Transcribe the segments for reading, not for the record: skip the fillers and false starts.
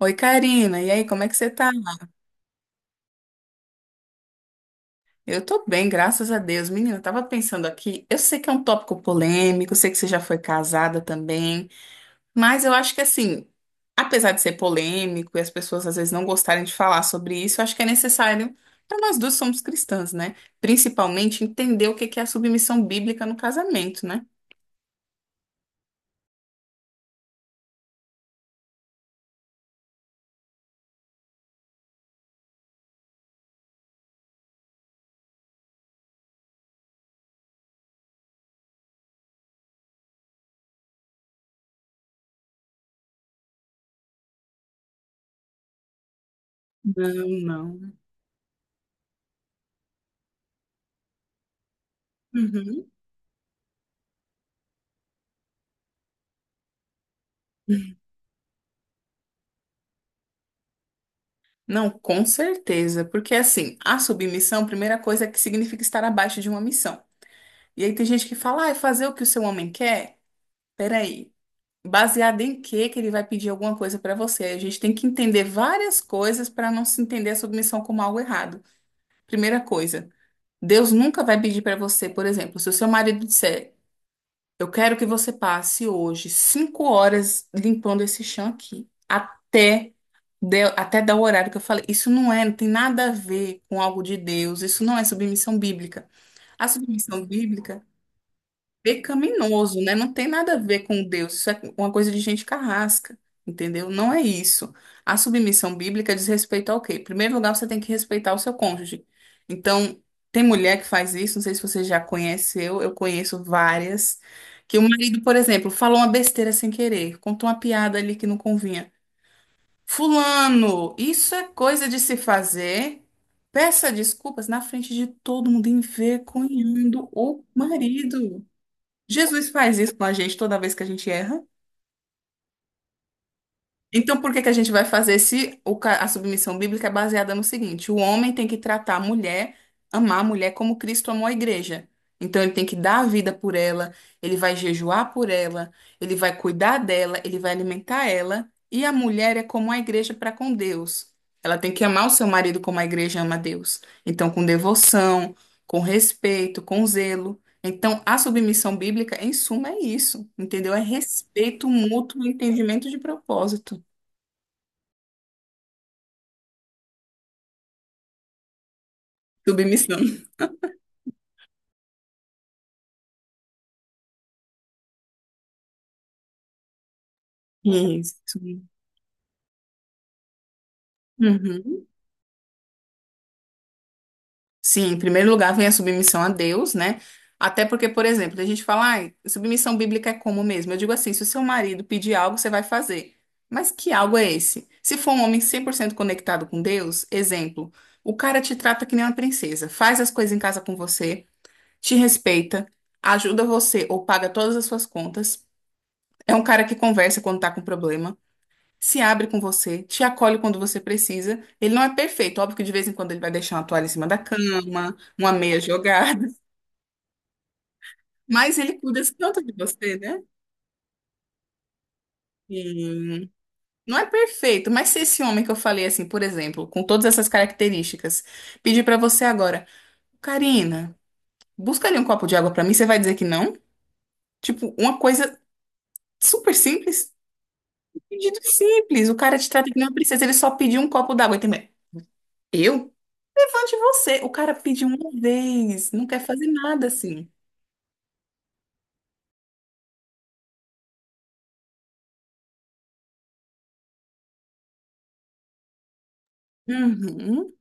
Oi, Karina. E aí, como é que você tá? Eu tô bem, graças a Deus. Menina, eu tava pensando aqui, eu sei que é um tópico polêmico, eu sei que você já foi casada também, mas eu acho que assim, apesar de ser polêmico e as pessoas às vezes não gostarem de falar sobre isso, eu acho que é necessário, para nós duas somos cristãs, né? Principalmente entender o que que é a submissão bíblica no casamento, né? Não, não. Uhum. Não, com certeza, porque assim, a submissão, a primeira coisa é que significa estar abaixo de uma missão. E aí tem gente que fala, ah, é fazer o que o seu homem quer? Peraí, baseado em quê que ele vai pedir alguma coisa pra você? A gente tem que entender várias coisas para não se entender a submissão como algo errado. Primeira coisa, Deus nunca vai pedir pra você, por exemplo, se o seu marido disser, eu quero que você passe hoje cinco horas limpando esse chão aqui, até até dar o horário que eu falei. Isso não é, não tem nada a ver com algo de Deus. Isso não é submissão bíblica. A submissão bíblica pecaminoso, né? Não tem nada a ver com Deus, isso é uma coisa de gente carrasca, entendeu? Não é isso. A submissão bíblica diz respeito ao quê? Em primeiro lugar, você tem que respeitar o seu cônjuge. Então, tem mulher que faz isso, não sei se você já conheceu, eu conheço várias, que o marido, por exemplo, falou uma besteira sem querer, contou uma piada ali que não convinha. Fulano, isso é coisa de se fazer. Peça desculpas na frente de todo mundo, envergonhando o marido. Jesus faz isso com a gente toda vez que a gente erra. Então, por que que a gente vai fazer se o ca- a submissão bíblica é baseada no seguinte: o homem tem que tratar a mulher, amar a mulher como Cristo amou a igreja. Então, ele tem que dar a vida por ela, ele vai jejuar por ela, ele vai cuidar dela, ele vai alimentar ela. E a mulher é como a igreja para com Deus. Ela tem que amar o seu marido como a igreja ama a Deus. Então, com devoção, com respeito, com zelo. Então, a submissão bíblica, em suma, é isso, entendeu? É respeito mútuo e entendimento de propósito. Submissão. Isso. Uhum. Sim, em primeiro lugar vem a submissão a Deus, né? Até porque, por exemplo, a gente fala, ai, submissão bíblica é como mesmo? Eu digo assim, se o seu marido pedir algo, você vai fazer. Mas que algo é esse? Se for um homem 100% conectado com Deus, exemplo, o cara te trata que nem uma princesa, faz as coisas em casa com você, te respeita, ajuda você ou paga todas as suas contas. É um cara que conversa quando tá com problema. Se abre com você, te acolhe quando você precisa. Ele não é perfeito, óbvio que de vez em quando ele vai deixar uma toalha em cima da cama, uma meia jogada, mas ele cuida tanto de você, né? E não é perfeito, mas se esse homem que eu falei assim, por exemplo, com todas essas características, pedir pra você agora, Karina, busca ali um copo de água pra mim, você vai dizer que não? Tipo, uma coisa super simples, um pedido simples. O cara te trata que nem uma princesa, ele só pediu um copo d'água e também. Eu? Levante você. O cara pediu uma vez, não quer fazer nada assim. Uhum.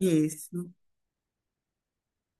Isso.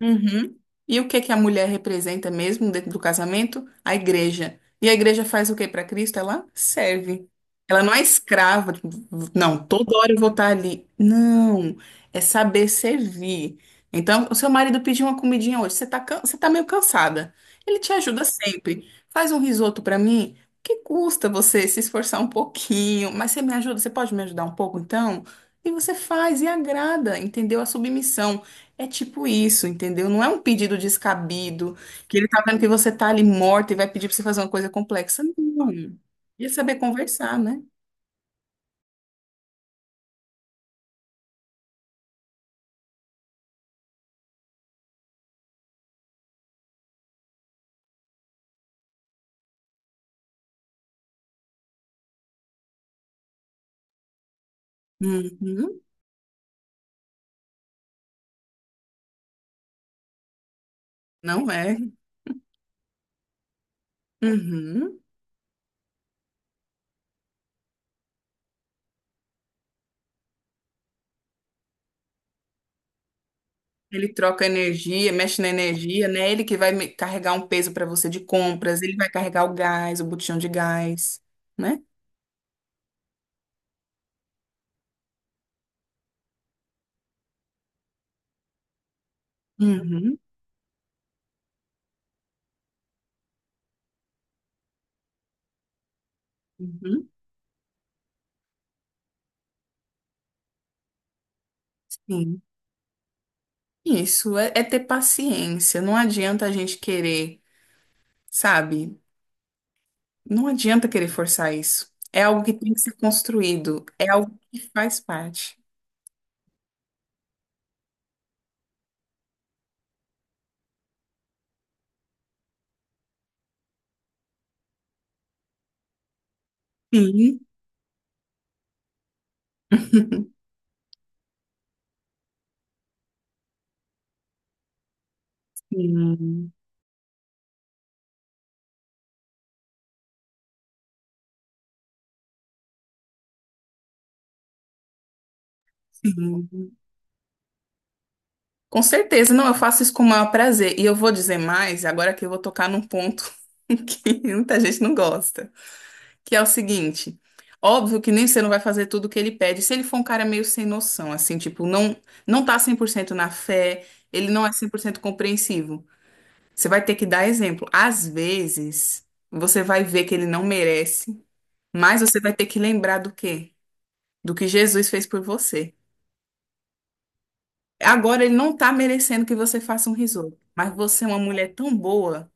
Uhum. E o que que a mulher representa mesmo dentro do casamento? A igreja. E a igreja faz o que para Cristo? Ela serve. Ela não é escrava. Tipo, não, toda hora eu vou estar ali. Não, é saber servir. Então, o seu marido pediu uma comidinha hoje, você tá meio cansada. Ele te ajuda sempre. Faz um risoto para mim. Que custa você se esforçar um pouquinho? Mas você me ajuda, você pode me ajudar um pouco então? E você faz e agrada, entendeu? A submissão. É tipo isso, entendeu? Não é um pedido descabido, que ele tá vendo que você tá ali morta e vai pedir pra você fazer uma coisa complexa. Não. Ia saber conversar, né? Uhum. Não é. Uhum. Ele troca energia, mexe na energia, né? Ele que vai carregar um peso para você de compras, ele vai carregar o gás, o botijão de gás, né? Uhum. Uhum. Sim. Isso é ter paciência. Não adianta a gente querer, sabe? Não adianta querer forçar isso. É algo que tem que ser construído, é algo que faz parte. Sim. Sim. Sim. Com certeza, não, eu faço isso com o maior prazer. E eu vou dizer mais, agora que eu vou tocar num ponto que muita gente não gosta, que é o seguinte: óbvio que nem você não vai fazer tudo o que ele pede. Se ele for um cara meio sem noção, assim, tipo, não, não tá 100% na fé, ele não é 100% compreensivo. Você vai ter que dar exemplo. Às vezes, você vai ver que ele não merece, mas você vai ter que lembrar do quê? Do que Jesus fez por você. Agora ele não está merecendo que você faça um risoto, mas você é uma mulher tão boa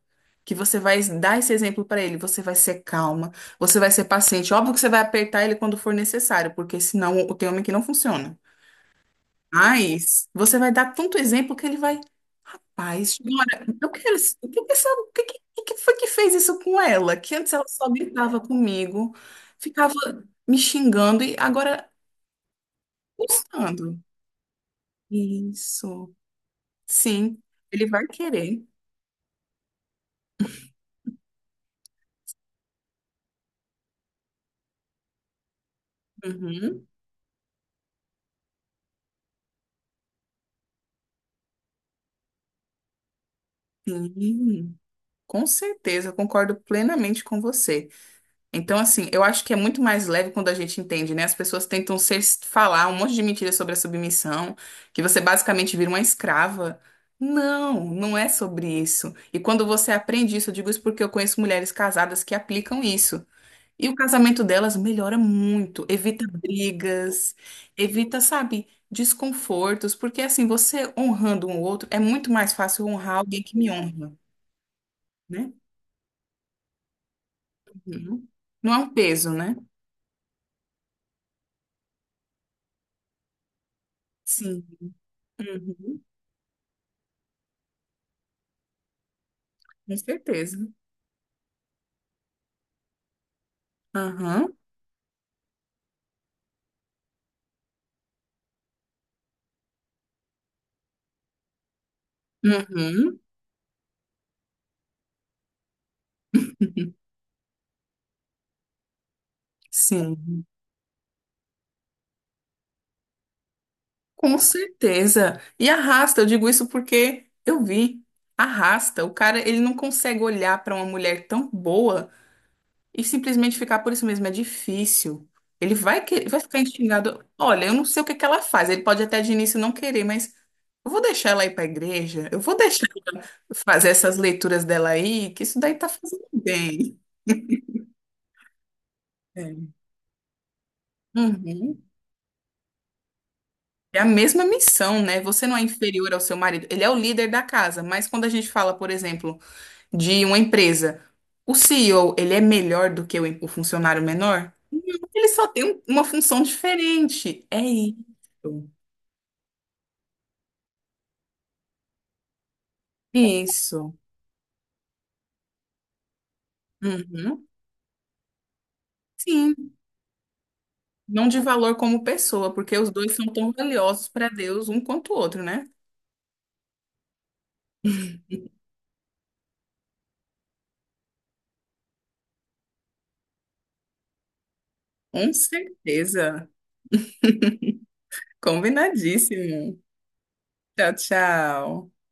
que você vai dar esse exemplo para ele. Você vai ser calma, você vai ser paciente. Óbvio que você vai apertar ele quando for necessário, porque senão tem homem que não funciona. Mas você vai dar tanto exemplo que ele vai Paz, Nora, eu quero. O o que que foi que fez isso com ela? Que antes ela só gritava comigo, ficava me xingando e agora gostando. Isso. Sim, ele vai querer. Uhum. Sim, com certeza, eu concordo plenamente com você. Então, assim, eu acho que é muito mais leve quando a gente entende, né? As pessoas tentam ser, falar um monte de mentiras sobre a submissão, que você basicamente vira uma escrava. Não, não é sobre isso. E quando você aprende isso, eu digo isso porque eu conheço mulheres casadas que aplicam isso. E o casamento delas melhora muito, evita brigas, evita, sabe, desconfortos, porque assim, você honrando um outro, é muito mais fácil honrar alguém que me honra, né? Uhum. Não é um peso, né? Sim. Uhum. Com certeza. Aham. Uhum. Sim. Com certeza. E arrasta, eu digo isso porque eu vi. Arrasta. O cara, ele não consegue olhar para uma mulher tão boa e simplesmente ficar por isso mesmo. É difícil. Ele vai, que... vai ficar instigado. Olha, eu não sei o que que ela faz. Ele pode até de início não querer, mas eu vou deixar ela ir para a igreja. Eu vou deixar fazer essas leituras dela aí, que isso daí tá fazendo bem. É. Uhum. É a mesma missão, né? Você não é inferior ao seu marido. Ele é o líder da casa, mas quando a gente fala, por exemplo, de uma empresa, o CEO, ele é melhor do que o funcionário menor? Ele só tem um- uma função diferente. É isso. Isso. Uhum. Sim. Não de valor como pessoa, porque os dois são tão valiosos para Deus um quanto o outro, né? Com certeza. Combinadíssimo. Tchau, tchau.